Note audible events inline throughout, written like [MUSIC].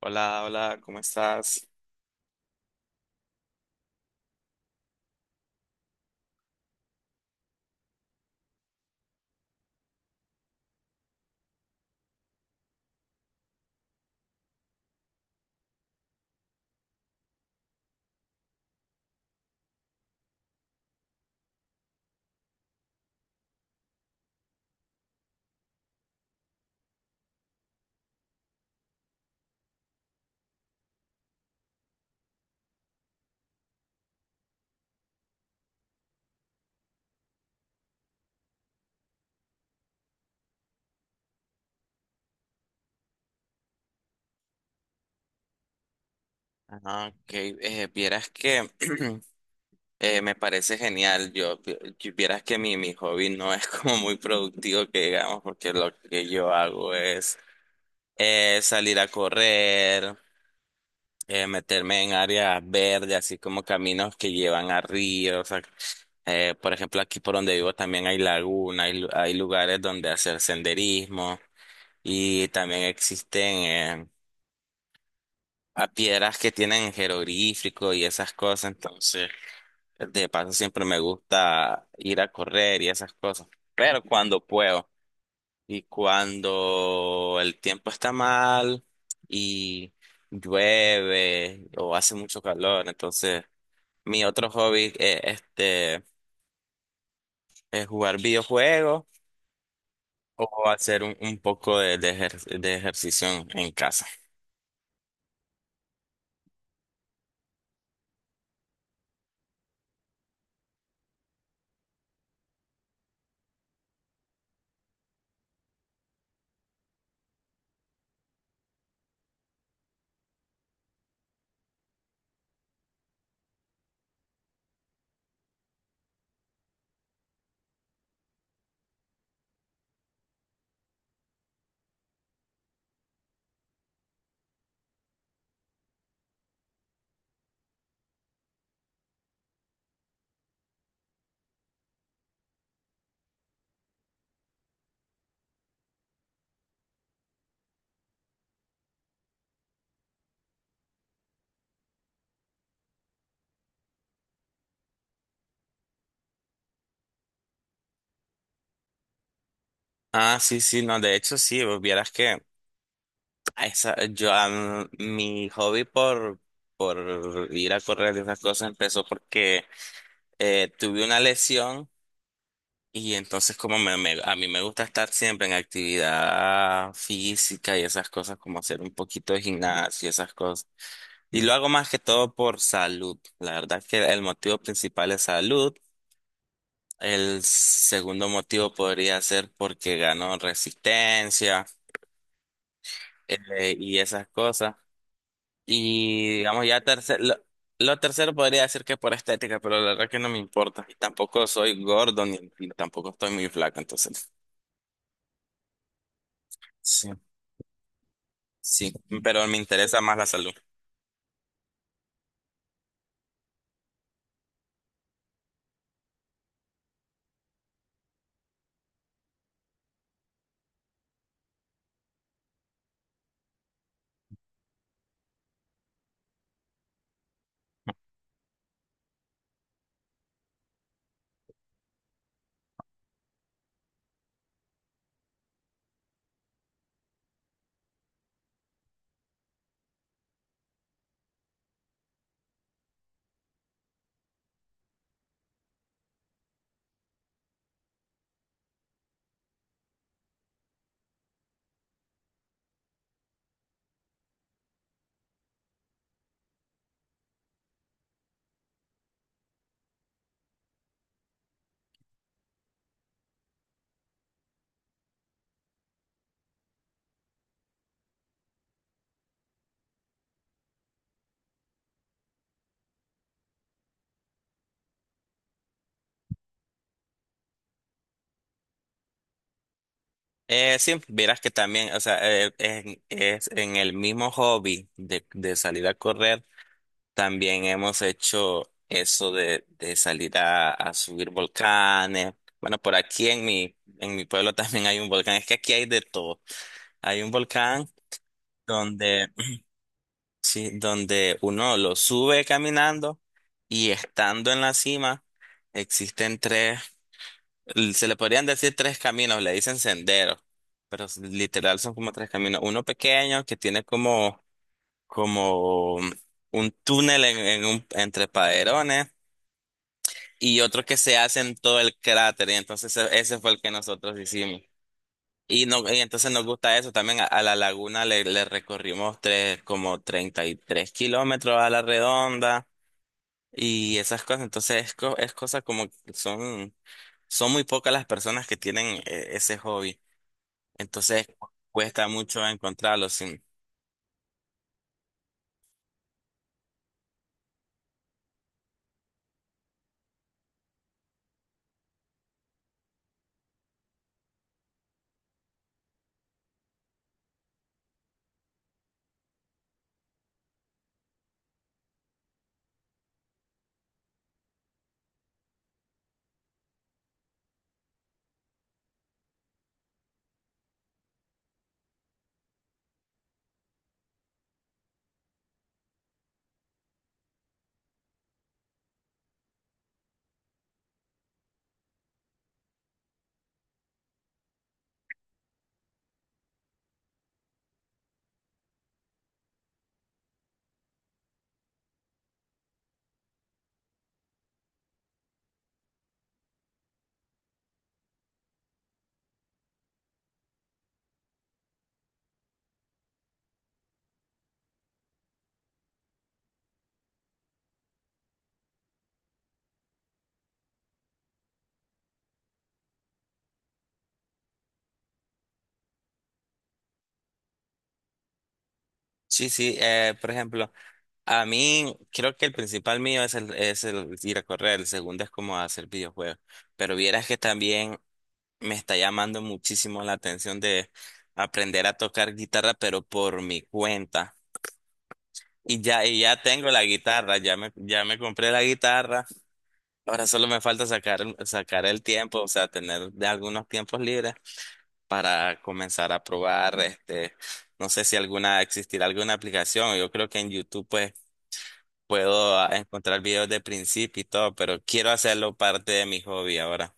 Hola, hola, ¿cómo estás? Ah, ok, vieras que [CLEARS THROAT] me parece genial. Vieras que mi hobby no es [LAUGHS] como muy productivo que digamos, porque lo que yo hago es salir a correr, meterme en áreas verdes, así como caminos que llevan a ríos. O sea, por ejemplo, aquí por donde vivo también hay laguna, hay lugares donde hacer senderismo y también existen eh, a piedras que tienen jeroglífico y esas cosas. Entonces de paso siempre me gusta ir a correr y esas cosas, pero cuando puedo y cuando el tiempo está mal y llueve o hace mucho calor, entonces mi otro hobby es jugar videojuegos o hacer un poco de ejercicio en casa. Ah, sí, sí, no, de hecho sí, vos vieras que... Esa, mi hobby por ir a correr y esas cosas empezó porque tuve una lesión. Y entonces como a mí me gusta estar siempre en actividad física y esas cosas, como hacer un poquito de gimnasio y esas cosas. Y lo hago más que todo por salud. La verdad que el motivo principal es salud. El segundo motivo podría ser porque gano resistencia y esas cosas. Y digamos, ya tercero, lo tercero podría decir que por estética, pero la verdad que no me importa. Y tampoco soy gordo ni tampoco estoy muy flaco, entonces. Sí, sí, pero me interesa más la salud. Sí, verás que también, o sea, es en el mismo hobby de salir a correr, también hemos hecho eso de salir a subir volcanes. Bueno, por aquí en mi pueblo [LAUGHS] también hay un volcán, es que aquí hay de todo. Hay un volcán donde... Sí, donde uno lo sube caminando y estando en la cima existen tres, se le podrían decir tres caminos, le dicen senderos, pero literal son como tres caminos. Uno pequeño que tiene como, como un túnel entre paderones, y otro que se hace en todo el cráter, y entonces ese fue el que nosotros hicimos. Y no, y entonces nos gusta eso. También a la laguna le recorrimos tres, como 33 kilómetros a la redonda, y esas cosas. Entonces es cosa como que son, son muy pocas las personas que tienen ese hobby. Entonces cuesta mucho encontrarlo. Sí, sí, sí. Por ejemplo, a mí creo que el principal mío es es el ir a correr, el segundo es como hacer videojuegos. Pero vieras que también me está llamando muchísimo la atención de aprender a tocar guitarra, pero por mi cuenta. Y ya tengo la guitarra, ya me compré la guitarra. Ahora solo me falta sacar el tiempo, o sea, tener de algunos tiempos libres para comenzar a probar, no sé si alguna, existirá alguna aplicación. Yo creo que en YouTube pues puedo encontrar videos de principio y todo, pero quiero hacerlo parte de mi hobby ahora.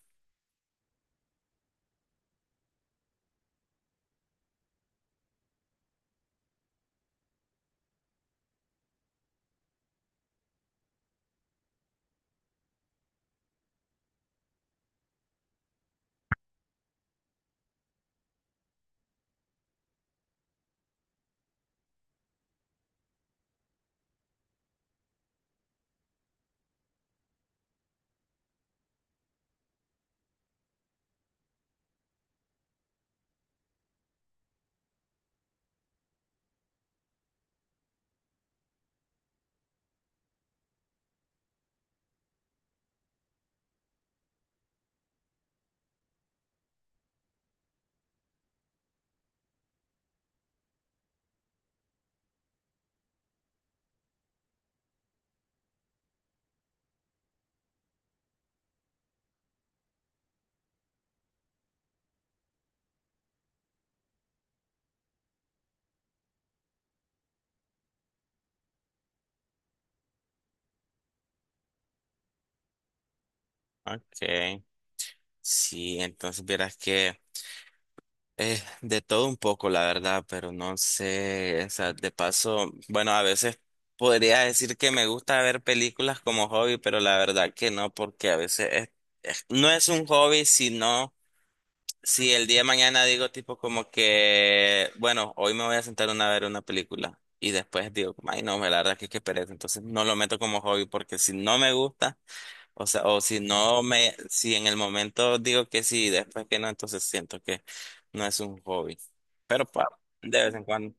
Okay. Sí, entonces vieras que... De todo un poco, la verdad, pero no sé, o sea, de paso, bueno, a veces podría decir que me gusta ver películas como hobby, pero la verdad que no, porque a veces no es un hobby, sino si el día de mañana digo tipo como que, bueno, hoy me voy a sentar una, a ver una película y después digo, ay no, la verdad que es que pereza, entonces no lo meto como hobby porque si no me gusta. O sea, o si no me, si en el momento digo que sí, después que no, entonces siento que no es un hobby. Pero pa, de vez en cuando.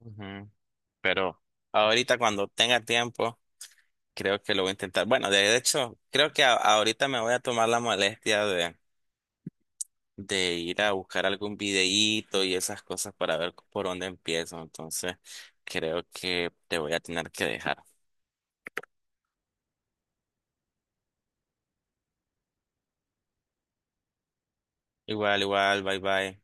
Ujú. Pero ahorita cuando tenga tiempo, creo que lo voy a intentar. Bueno, de hecho, creo que ahorita me voy a tomar la molestia de ir a buscar algún videíto y esas cosas para ver por dónde empiezo. Entonces, creo que te voy a tener que dejar. Igual, igual, bye bye.